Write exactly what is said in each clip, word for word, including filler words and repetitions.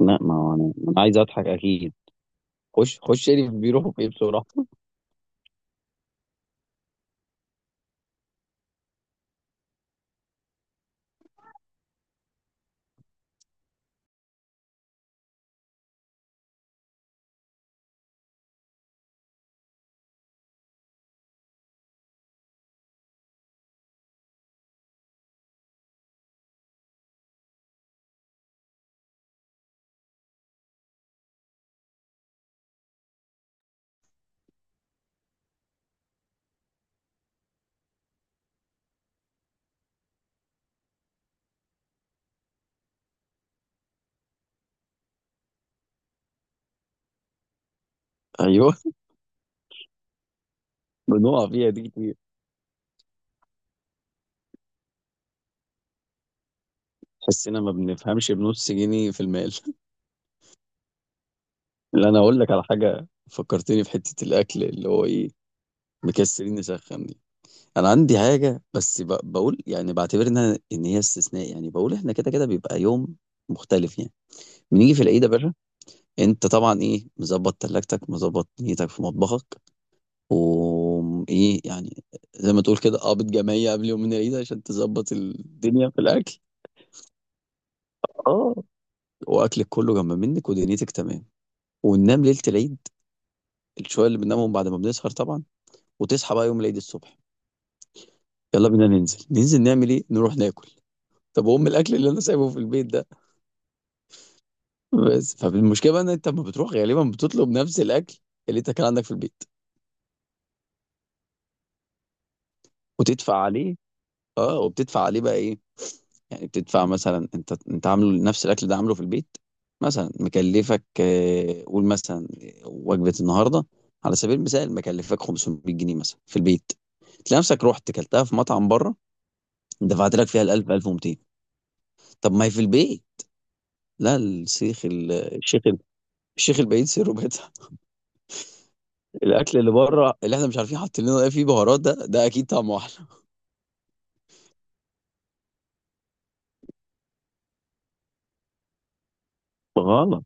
لا، ما هو انا انا عايز اضحك اكيد. خش خش اللي بيروحوا في ايه بسرعه. ايوه، بنقع فيها دي كتير. تحسنا ما بنفهمش بنص جنيه في المال. لا، انا اقول لك على حاجه فكرتني في حته الاكل اللي هو ايه، مكسرين نسخن دي. انا عندي حاجه بس ب- بقول، يعني بعتبر انها ان هي استثناء، يعني بقول احنا كده كده بيبقى يوم مختلف يعني. بنيجي في العيد يا باشا، انت طبعا ايه، مظبط تلاجتك، مظبط نيتك في مطبخك، وم- ايه يعني، زي ما تقول كده قابض جمعية قبل يوم من العيد عشان تظبط الدنيا في الأكل. اه، وأكلك كله جنب منك ودنيتك تمام، وننام ليلة العيد، الشوية اللي بننامهم بعد ما بنسهر طبعا، وتصحى بقى يوم العيد الصبح. يلا بينا ننزل، ننزل نعمل ايه، نروح ناكل. طب وام الاكل اللي انا سايبه في البيت ده؟ بس فالمشكله بقى ان انت لما بتروح غالبا بتطلب نفس الاكل اللي انت كان عندك في البيت، وتدفع عليه. اه، وبتدفع عليه بقى ايه، يعني بتدفع مثلا انت انت عامله نفس الاكل ده، عامله في البيت مثلا مكلفك آه، قول مثلا وجبه النهارده على سبيل المثال مكلفك خمسمية جنيه مثلا في البيت، تلاقي نفسك رحت كلتها في مطعم بره، دفعت لك فيها ال ألف، ألف ومتين. طب ما هي في البيت. لا، الشيخ ال- الشيخ ال- الشيخ البعيد سره بيتها. الاكل اللي بره، اللي احنا مش عارفين حاطين لنا ايه فيه بهارات، ده ده اكيد طعمه احلى. غلط.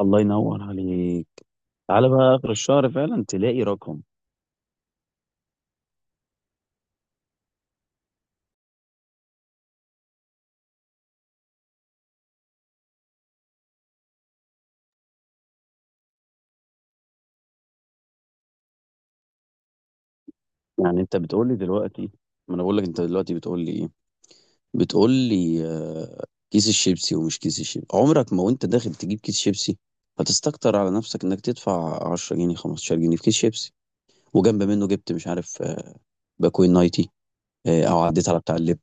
الله ينور عليك. تعالى بقى اخر الشهر، فعلا تلاقي رقم. يعني انت بتقول لي دلوقتي، ما انا بقول لك، انت دلوقتي بتقول لي ايه، بتقول لي آه، كيس الشيبسي ومش كيس الشيبسي، عمرك ما وانت داخل تجيب كيس شيبسي هتستكتر على نفسك انك تدفع عشرة جنيه، خمسة عشر جنيه في كيس شيبسي، وجنب منه جبت مش عارف آه، باكوين نايتي، آه، او عديت على بتاع اللب.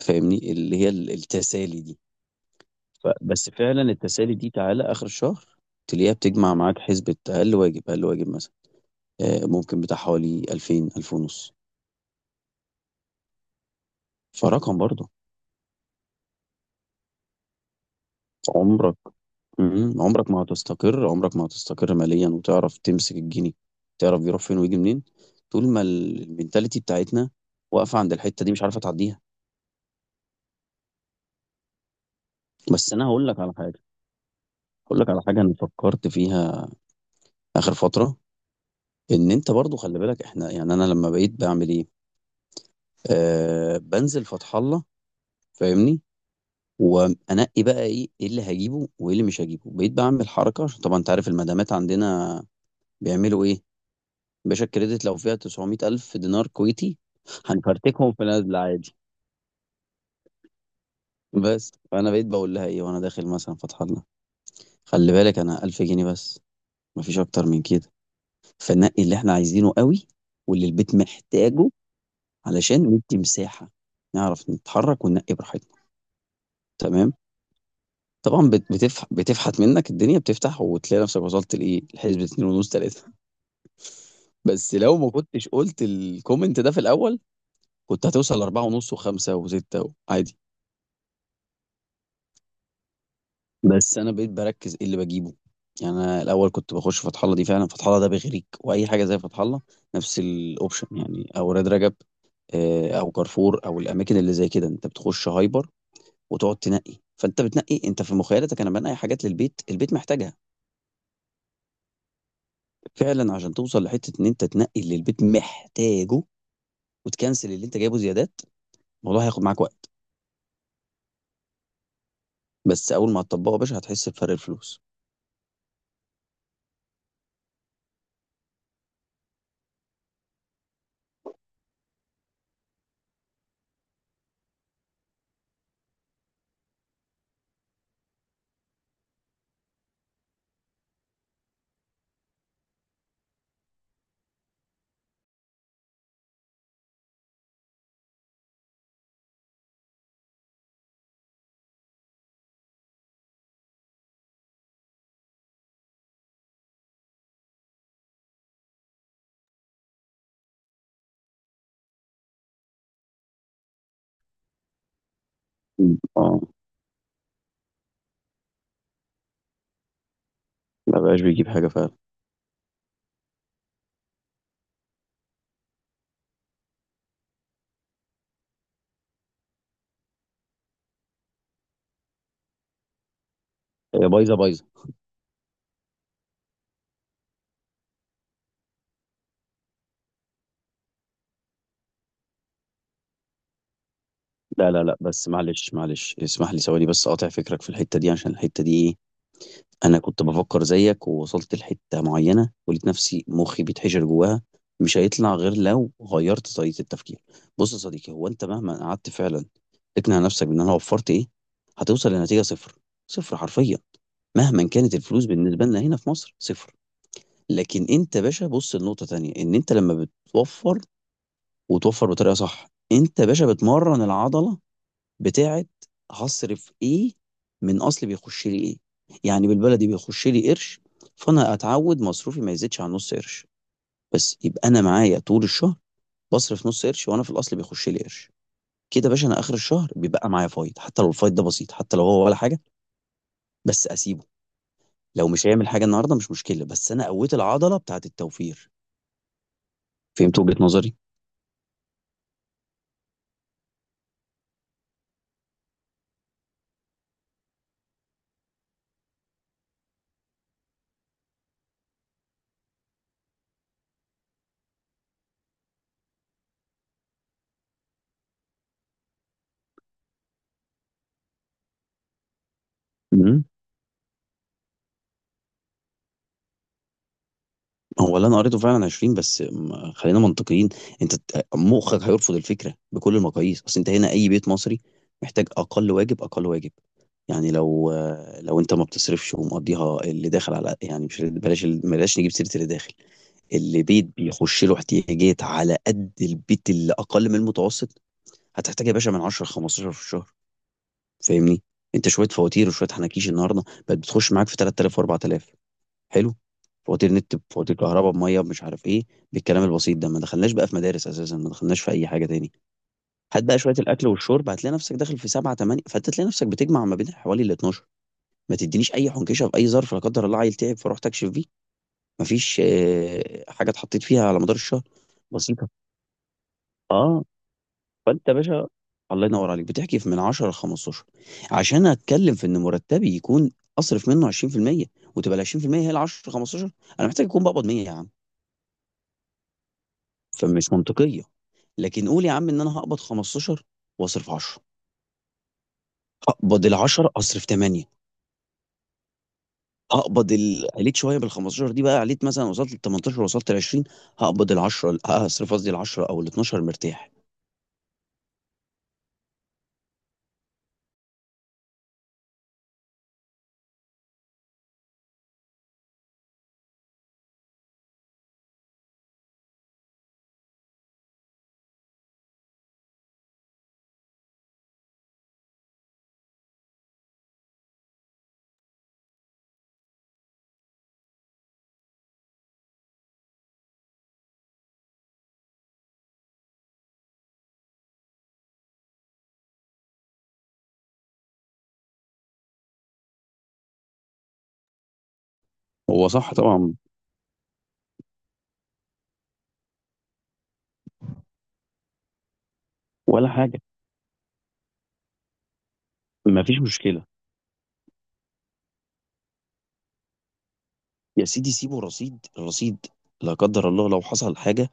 فاهمني، اللي هي ال- التسالي دي. ف- بس فعلا التسالي دي تعالى اخر الشهر تلاقيها بتجمع معاك حسبة اقل واجب اقل واجب مثلا آه، ممكن بتاع حوالي ألفين، ألفين ونص. فرقم برضه. عمرك، مم. عمرك ما هتستقر، عمرك ما هتستقر ماليا وتعرف تمسك الجنيه، تعرف بيروح فين ويجي منين، طول ما المينتاليتي بتاعتنا واقفة عند الحتة دي مش عارفة تعديها. بس انا هقول لك على حاجة، هقول لك على حاجة انا فكرت فيها اخر فترة. ان انت برضو خلي بالك، احنا يعني انا لما بقيت بعمل ايه، آه، بنزل فتح الله، فاهمني، وانقي بقى ايه، ايه اللي هجيبه وايه اللي مش هجيبه. بقيت بعمل حركة عشان طبعا انت عارف المدامات عندنا بيعملوا ايه، باشا الكريدت لو فيها تسعمائة ألف دينار كويتي هنفرتكهم في نازلة عادي. بس فأنا بقيت بقول لها إيه وأنا داخل مثلا فتح الله، خلي بالك أنا ألف جنيه بس، مفيش أكتر من كده، فنقي اللي إحنا عايزينه قوي واللي البيت محتاجه، علشان ندي مساحة نعرف نتحرك وننقي براحتنا. تمام. طبعا بت- بتفح بتفحت منك الدنيا، بتفتح وتلاقي نفسك وصلت لإيه، لحسبة اتنين ونص، ثلاثة. بس لو ما كنتش قلت الكومنت ده في الأول كنت هتوصل أربعة ونص و5 و6 عادي. بس انا بقيت بركز ايه اللي بجيبه، يعني انا الاول كنت بخش فتح الله، دي فعلا فتح الله ده بيغريك، واي حاجه زي فتح الله، نفس الاوبشن يعني، او راد رجب آه، او كارفور او الاماكن اللي زي كده. انت بتخش هايبر وتقعد تنقي، فانت بتنقي انت في مخيلتك انا بنقي حاجات للبيت، البيت محتاجها فعلا، عشان توصل لحته ان انت تنقي اللي البيت محتاجه وتكنسل اللي انت جايبه زيادات. الموضوع هياخد معاك وقت، بس اول ما هتطبقه يا باشا هتحس بفرق الفلوس. م. اه، ما بقاش بيجيب حاجه فعلا. هي بايظه بايظه. لا لا لا، بس معلش معلش، اسمح لي ثواني بس اقاطع فكرك في الحته دي، عشان الحته دي ايه، انا كنت بفكر زيك، ووصلت لحته معينه ولقيت نفسي مخي بيتحشر جواها، مش هيطلع غير لو غيرت طريقه التفكير. بص يا صديقي، هو انت مهما قعدت فعلا تقنع نفسك بان انا وفرت ايه، هتوصل لنتيجه صفر، صفر حرفيا، مهما كانت الفلوس بالنسبه لنا هنا في مصر صفر. لكن انت يا باشا بص لنقطه تانية، ان انت لما بتوفر، وتوفر بطريقه صح، انت يا باشا بتمرن العضله بتاعه هصرف ايه من اصل بيخش لي ايه. يعني بالبلدي بيخش لي قرش، فانا اتعود مصروفي ما يزيدش عن نص قرش، بس يبقى انا معايا طول الشهر بصرف نص قرش وانا في الاصل بيخش لي قرش. كده يا باشا انا اخر الشهر بيبقى معايا فايض، حتى لو الفايض ده بسيط، حتى لو هو ولا حاجه، بس اسيبه. لو مش هيعمل حاجه النهارده مش مشكله، بس انا قويت العضله بتاعه التوفير. فهمت وجهة نظري؟ مم. هو اللي انا قريته فعلا عشرين، بس م- خلينا منطقيين. انت ت- مخك هيرفض الفكره بكل المقاييس، اصل انت هنا اي بيت مصري محتاج اقل واجب اقل واجب، يعني لو، لو انت ما بتصرفش ومقضيها اللي داخل على، يعني مش بلاش بلاش نجيب سيره اللي داخل، اللي بيت بيخش له احتياجات على قد البيت اللي اقل من المتوسط، هتحتاج يا باشا من عشرة ل خمستاشر في الشهر. فاهمني، انت شويه فواتير وشويه حناكيش النهارده بقت بتخش معاك في ثلاثة آلاف و4000. حلو. فواتير نت، بفواتير كهرباء، بميه، مش عارف ايه، بالكلام البسيط ده. ما دخلناش بقى في مدارس اساسا، ما دخلناش في اي حاجه تاني. هات بقى شويه الاكل والشرب هتلاقي نفسك داخل في سبعة تمانية، فانت تلاقي نفسك بتجمع ما بين حوالي ال اثنا عشر. ما تدينيش اي حنكشه في اي ظرف، لا قدر الله عيل تعب فروح تكشف فيه، ما فيش آه، حاجه اتحطيت فيها على مدار الشهر. بسيطه. اه، فانت يا باشا الله ينور عليك بتحكي في من عشرة ل خمسة عشر، عشان اتكلم في ان مرتبي يكون اصرف منه عشرين في المية، وتبقى ال عشرين في المية هي ال عشرة، خمسة عشر. انا محتاج اكون بقبض مية يا عم، فمش منطقية. لكن قول يا عم ان انا هقبض خمسة عشر واصرف عشرة، هقبض ال عشرة اصرف تمانية، هقبض ال- عليت شويه بال خمستاشر دي، بقى عليت مثلا وصلت لل تمنتاشر، وصلت ل عشرين، هقبض ال عشرة هصرف، قصدي ال عشرة او ال اتناشر مرتاح. هو صح طبعا. ولا حاجه. مفيش مشكله. يا سيدي سيبه رصيد الرصيد، لا قدر الله لو حصل حاجه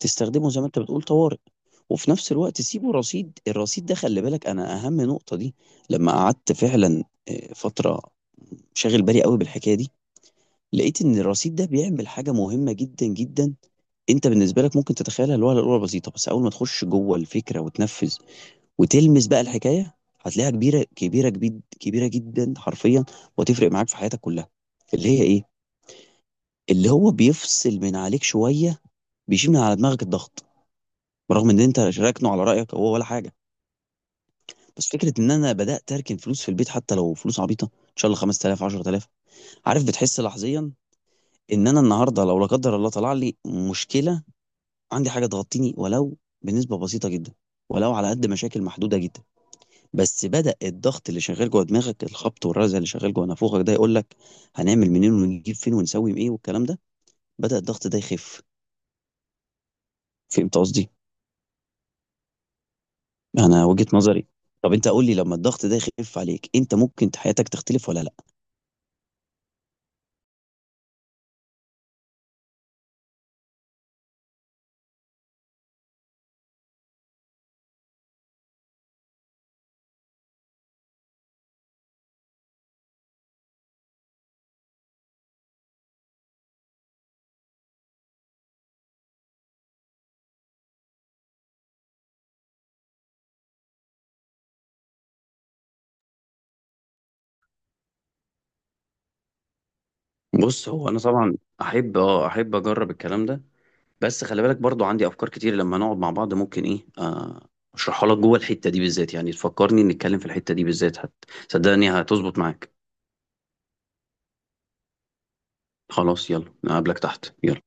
تستخدمه زي ما انت بتقول طوارئ. وفي نفس الوقت سيبه رصيد، الرصيد ده خلي بالك انا اهم نقطه دي. لما قعدت فعلا آه، فتره شاغل بالي قوي بالحكايه دي، لقيت ان الرصيد ده بيعمل حاجه مهمه جدا جدا. انت بالنسبه لك ممكن تتخيلها الوهله الاولى بسيطه، بس اول ما تخش جوه الفكره وتنفذ وتلمس بقى الحكايه، هتلاقيها كبيره، كبيره جدا، كبيره جدا حرفيا، وتفرق معاك في حياتك كلها. اللي هي ايه، اللي هو بيفصل من عليك شويه، بيشيل من على دماغك الضغط، برغم ان انت راكنه على رايك هو ولا حاجه. بس فكره ان انا بدات اركن فلوس في البيت، حتى لو فلوس عبيطه ان شاء الله خمست آلاف، عشر آلاف، عارف بتحس لحظيا ان انا النهارده لو لا قدر الله طلع لي مشكله، عندي حاجه تغطيني ولو بنسبه بسيطه جدا، ولو على قد مشاكل محدوده جدا، بس بدأ الضغط اللي شغال جوه دماغك، الخبط والرزع اللي شغال جوه نافوخك ده، يقول لك هنعمل منين ونجيب فين ونسوي ايه والكلام ده، بدأ الضغط ده يخف. فهمت قصدي؟ انا وجهة نظري، طب انت قول لي لما الضغط ده يخف عليك انت ممكن حياتك تختلف ولا لا. بص هو انا طبعا احب، اه احب اجرب الكلام ده، بس خلي بالك برضو عندي افكار كتير لما نقعد مع بعض ممكن ايه آه، اشرحها لك جوه الحته دي بالذات، يعني تفكرني نتكلم في الحته دي بالذات، حتى صدقني هتظبط معاك. خلاص، يلا نقابلك تحت. يلا.